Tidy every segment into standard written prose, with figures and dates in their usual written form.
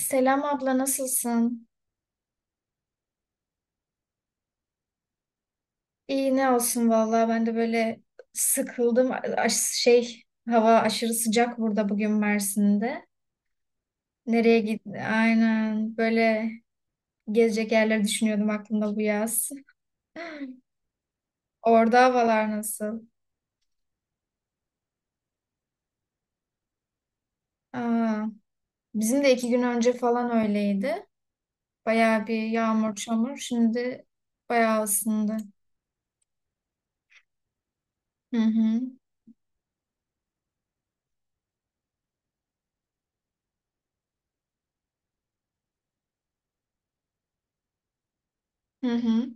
Selam abla, nasılsın? İyi ne olsun vallahi ben de böyle sıkıldım. Aş- şey Hava aşırı sıcak burada bugün Mersin'de. Nereye git? Aynen böyle gezecek yerleri düşünüyordum aklımda bu yaz. Orada havalar nasıl? Aa, bizim de 2 gün önce falan öyleydi. Bayağı bir yağmur çamur. Şimdi bayağı ısındı. Hı hı. Hı hı.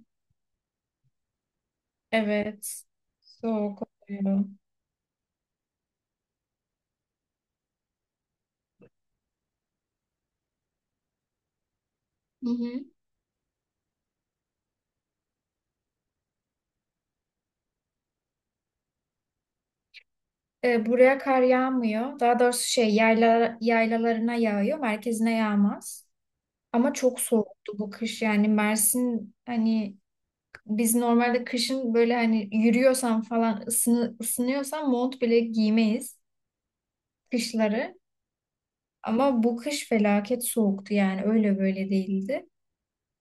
Evet. Soğuk oluyor. Hı hı. Buraya kar yağmıyor. Daha doğrusu yaylalarına yağıyor. Merkezine yağmaz. Ama çok soğuktu bu kış. Yani Mersin hani biz normalde kışın böyle hani yürüyorsan falan ısınıyorsan mont bile giymeyiz kışları. Ama bu kış felaket soğuktu yani öyle böyle değildi.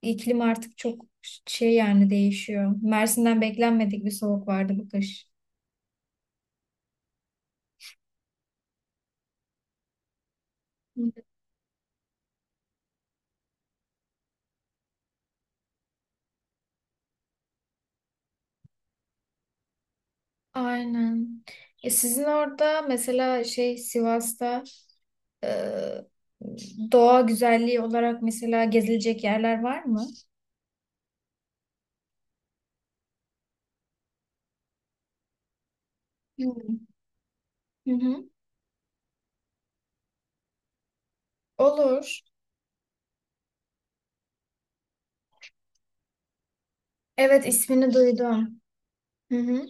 İklim artık çok şey yani değişiyor. Mersin'den beklenmedik bir soğuk vardı bu kış. Aynen. Sizin orada mesela şey Sivas'ta. Ee, Doğa güzelliği olarak mesela gezilecek yerler var mı? Hmm. Hı hı. Olur. Evet, ismini duydum. Hı hı.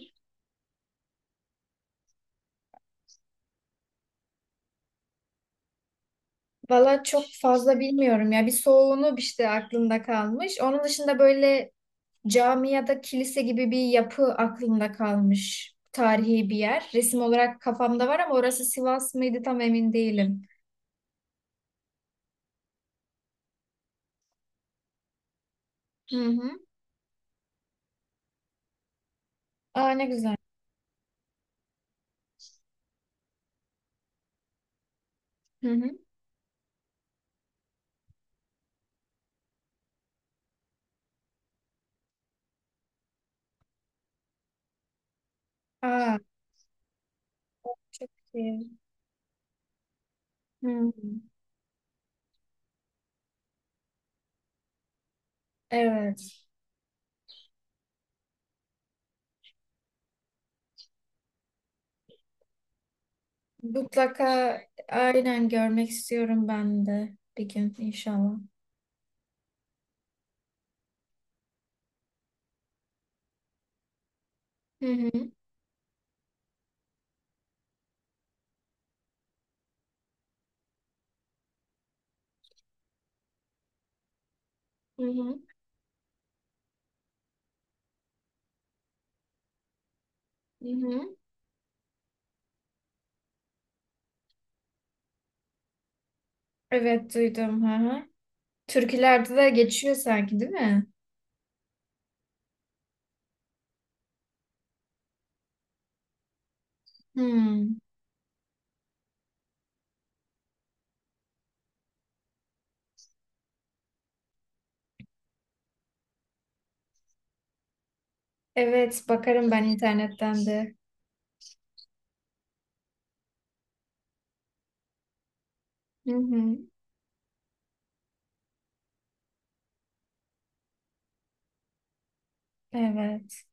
Valla çok fazla bilmiyorum ya. Bir soğuğunu işte aklımda kalmış. Onun dışında böyle cami ya da kilise gibi bir yapı aklımda kalmış. Tarihi bir yer. Resim olarak kafamda var ama orası Sivas mıydı tam emin değilim. Hı hı. Aa, ne güzel. Hı hı. Aa, çok iyi. Hmm. Evet. Mutlaka aynen görmek istiyorum ben de bir gün inşallah. Hı hı, hı hı, hı hı. Evet, duydum. Hı hı. Türkülerde de geçiyor sanki değil mi? Hmm. Evet, bakarım ben internetten de. Hı hı. Evet.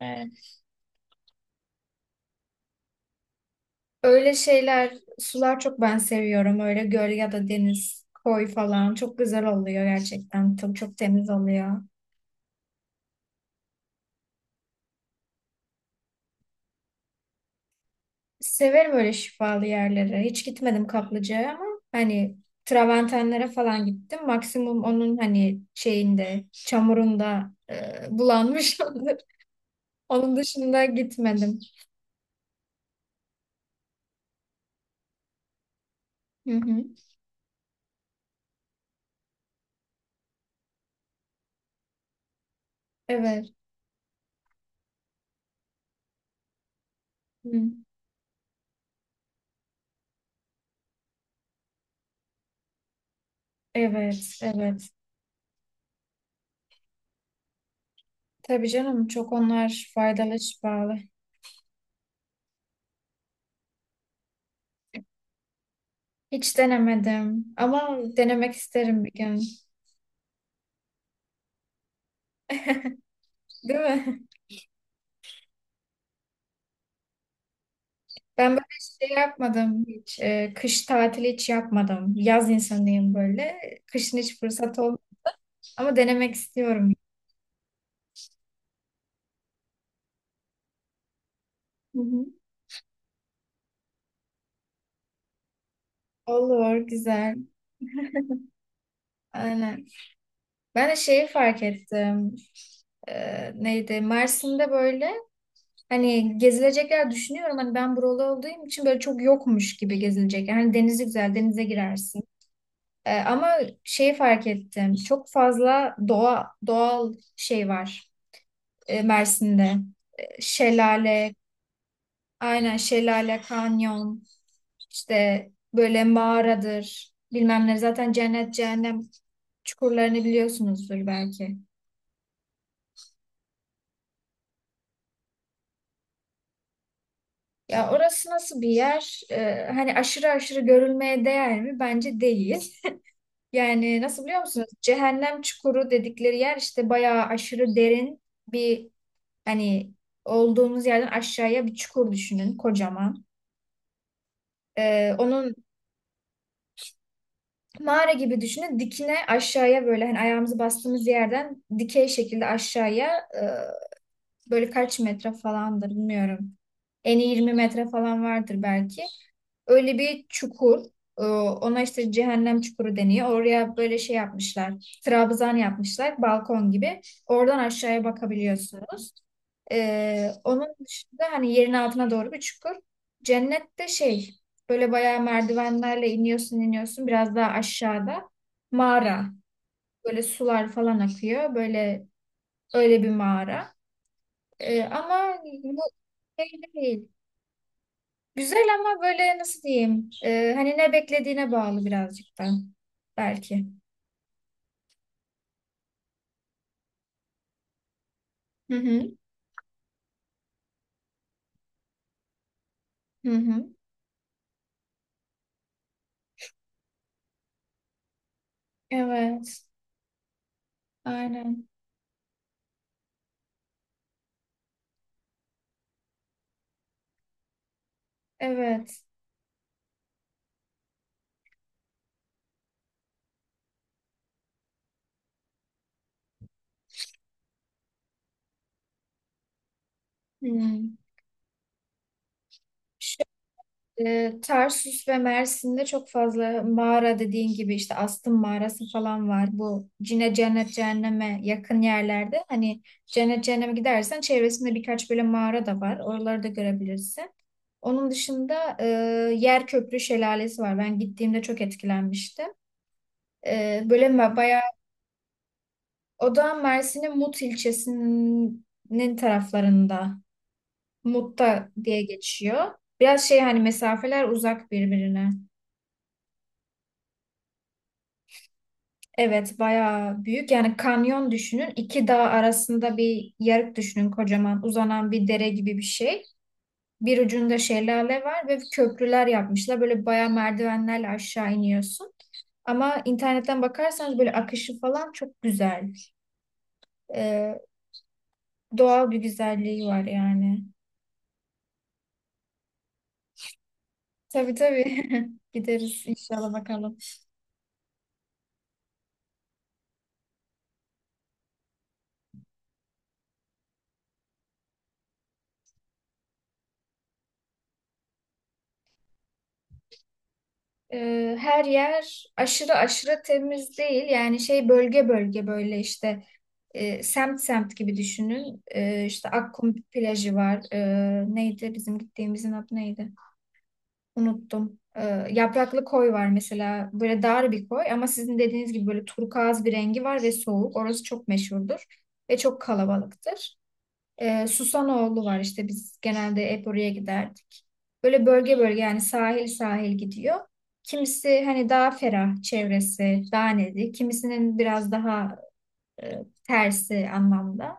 Evet. Öyle şeyler, sular çok ben seviyorum. Öyle göl ya da deniz, koy falan. Çok güzel oluyor gerçekten. Çok çok temiz oluyor. Severim öyle şifalı yerlere. Hiç gitmedim Kaplıca'ya ama hani Traventenlere falan gittim. Maksimum onun hani şeyinde, çamurunda bulanmışımdır. Onun dışında gitmedim. Hı hı. Evet. Hı. Evet, evet. Tabii canım, çok onlar faydalı, şifalı. Hiç denemedim ama denemek isterim bir gün. Değil mi? Ben böyle şey yapmadım hiç. Kış tatili hiç yapmadım. Yaz insanıyım böyle. Kışın hiç fırsat olmadı. Ama denemek istiyorum. Hı hı. Olur, güzel. Aynen. Ben de şeyi fark ettim. Neydi? Mersin'de böyle hani gezilecek yer düşünüyorum. Hani ben buralı olduğum için böyle çok yokmuş gibi gezilecek yer. Hani denizi güzel, denize girersin. Ama şeyi fark ettim. Çok fazla doğal şey var Mersin'de. Şelale. Aynen şelale, kanyon, işte böyle mağaradır, bilmem ne. Zaten cennet, cehennem çukurlarını biliyorsunuzdur belki. Ya orası nasıl bir yer? Hani aşırı aşırı görülmeye değer mi? Bence değil. Yani nasıl biliyor musunuz? Cehennem çukuru dedikleri yer işte bayağı aşırı derin bir hani olduğumuz yerden aşağıya bir çukur düşünün kocaman. Onun Mağara gibi düşünün. Dikine aşağıya böyle hani ayağımızı bastığımız yerden dikey şekilde aşağıya. e, Böyle kaç metre falandır bilmiyorum. Eni iyi 20 metre falan vardır belki. Öyle bir çukur. Ona işte cehennem çukuru deniyor. Oraya böyle şey yapmışlar. Trabzan yapmışlar. Balkon gibi. Oradan aşağıya bakabiliyorsunuz. Onun dışında hani yerin altına doğru bir çukur. Cennette şey böyle bayağı merdivenlerle iniyorsun iniyorsun biraz daha aşağıda mağara. Böyle sular falan akıyor. Böyle öyle bir mağara. Ama bu şey değil. Güzel ama böyle nasıl diyeyim? Hani ne beklediğine bağlı birazcık da belki. Hı hı. Hı hı. Evet. Aynen. Evet. Hı. Tarsus ve Mersin'de çok fazla mağara dediğin gibi işte Astım mağarası falan var. Bu cennet cehenneme yakın yerlerde. Hani cennet cehenneme gidersen çevresinde birkaç böyle mağara da var. Oraları da görebilirsin. Onun dışında Yer Köprü Şelalesi var. Ben gittiğimde çok etkilenmiştim. Bayağı o da Mersin'in Mut ilçesinin taraflarında. Mut'ta diye geçiyor. Biraz şey hani mesafeler uzak birbirine. Evet, bayağı büyük. Yani kanyon düşünün. İki dağ arasında bir yarık düşünün kocaman. Uzanan bir dere gibi bir şey. Bir ucunda şelale var ve köprüler yapmışlar. Böyle bayağı merdivenlerle aşağı iniyorsun. Ama internetten bakarsanız böyle akışı falan çok güzel. Ee, Doğal bir güzelliği var yani. Tabii tabii. Gideriz inşallah bakalım. Her yer aşırı aşırı temiz değil. Yani şey bölge bölge böyle işte. Semt semt gibi düşünün. İşte Akkum plajı var. Neydi bizim gittiğimizin adı neydi? Unuttum. Yapraklı koy var mesela. Böyle dar bir koy ama sizin dediğiniz gibi böyle turkuaz bir rengi var ve soğuk. Orası çok meşhurdur ve çok kalabalıktır. Susanoğlu var işte biz genelde hep oraya giderdik. Böyle bölge bölge yani sahil sahil gidiyor. Kimisi hani daha ferah çevresi, daha nedir? Kimisinin biraz daha e, tersi anlamda.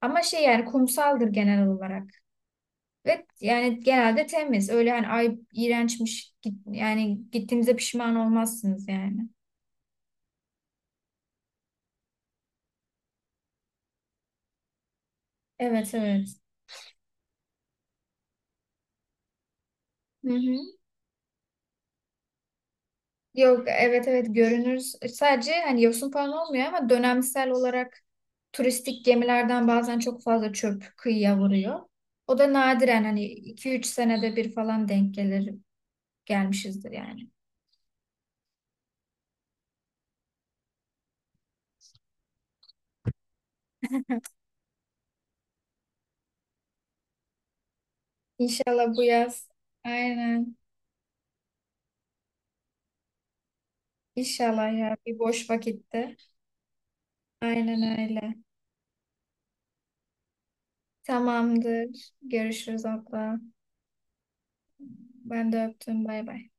Ama şey yani kumsaldır genel olarak. Ve yani genelde temiz. Öyle hani ay iğrençmiş yani gittiğinize pişman olmazsınız yani. Evet, evet. Hı hı. Yok, evet evet görünür. Sadece hani yosun falan olmuyor ama dönemsel olarak turistik gemilerden bazen çok fazla çöp kıyıya vuruyor. O da nadiren hani 2-3 senede bir falan denk gelir gelmişizdir yani. İnşallah bu yaz. Aynen. İnşallah ya bir boş vakitte. Aynen öyle. Tamamdır. Görüşürüz, abla. Ben de öptüm. Bay bay.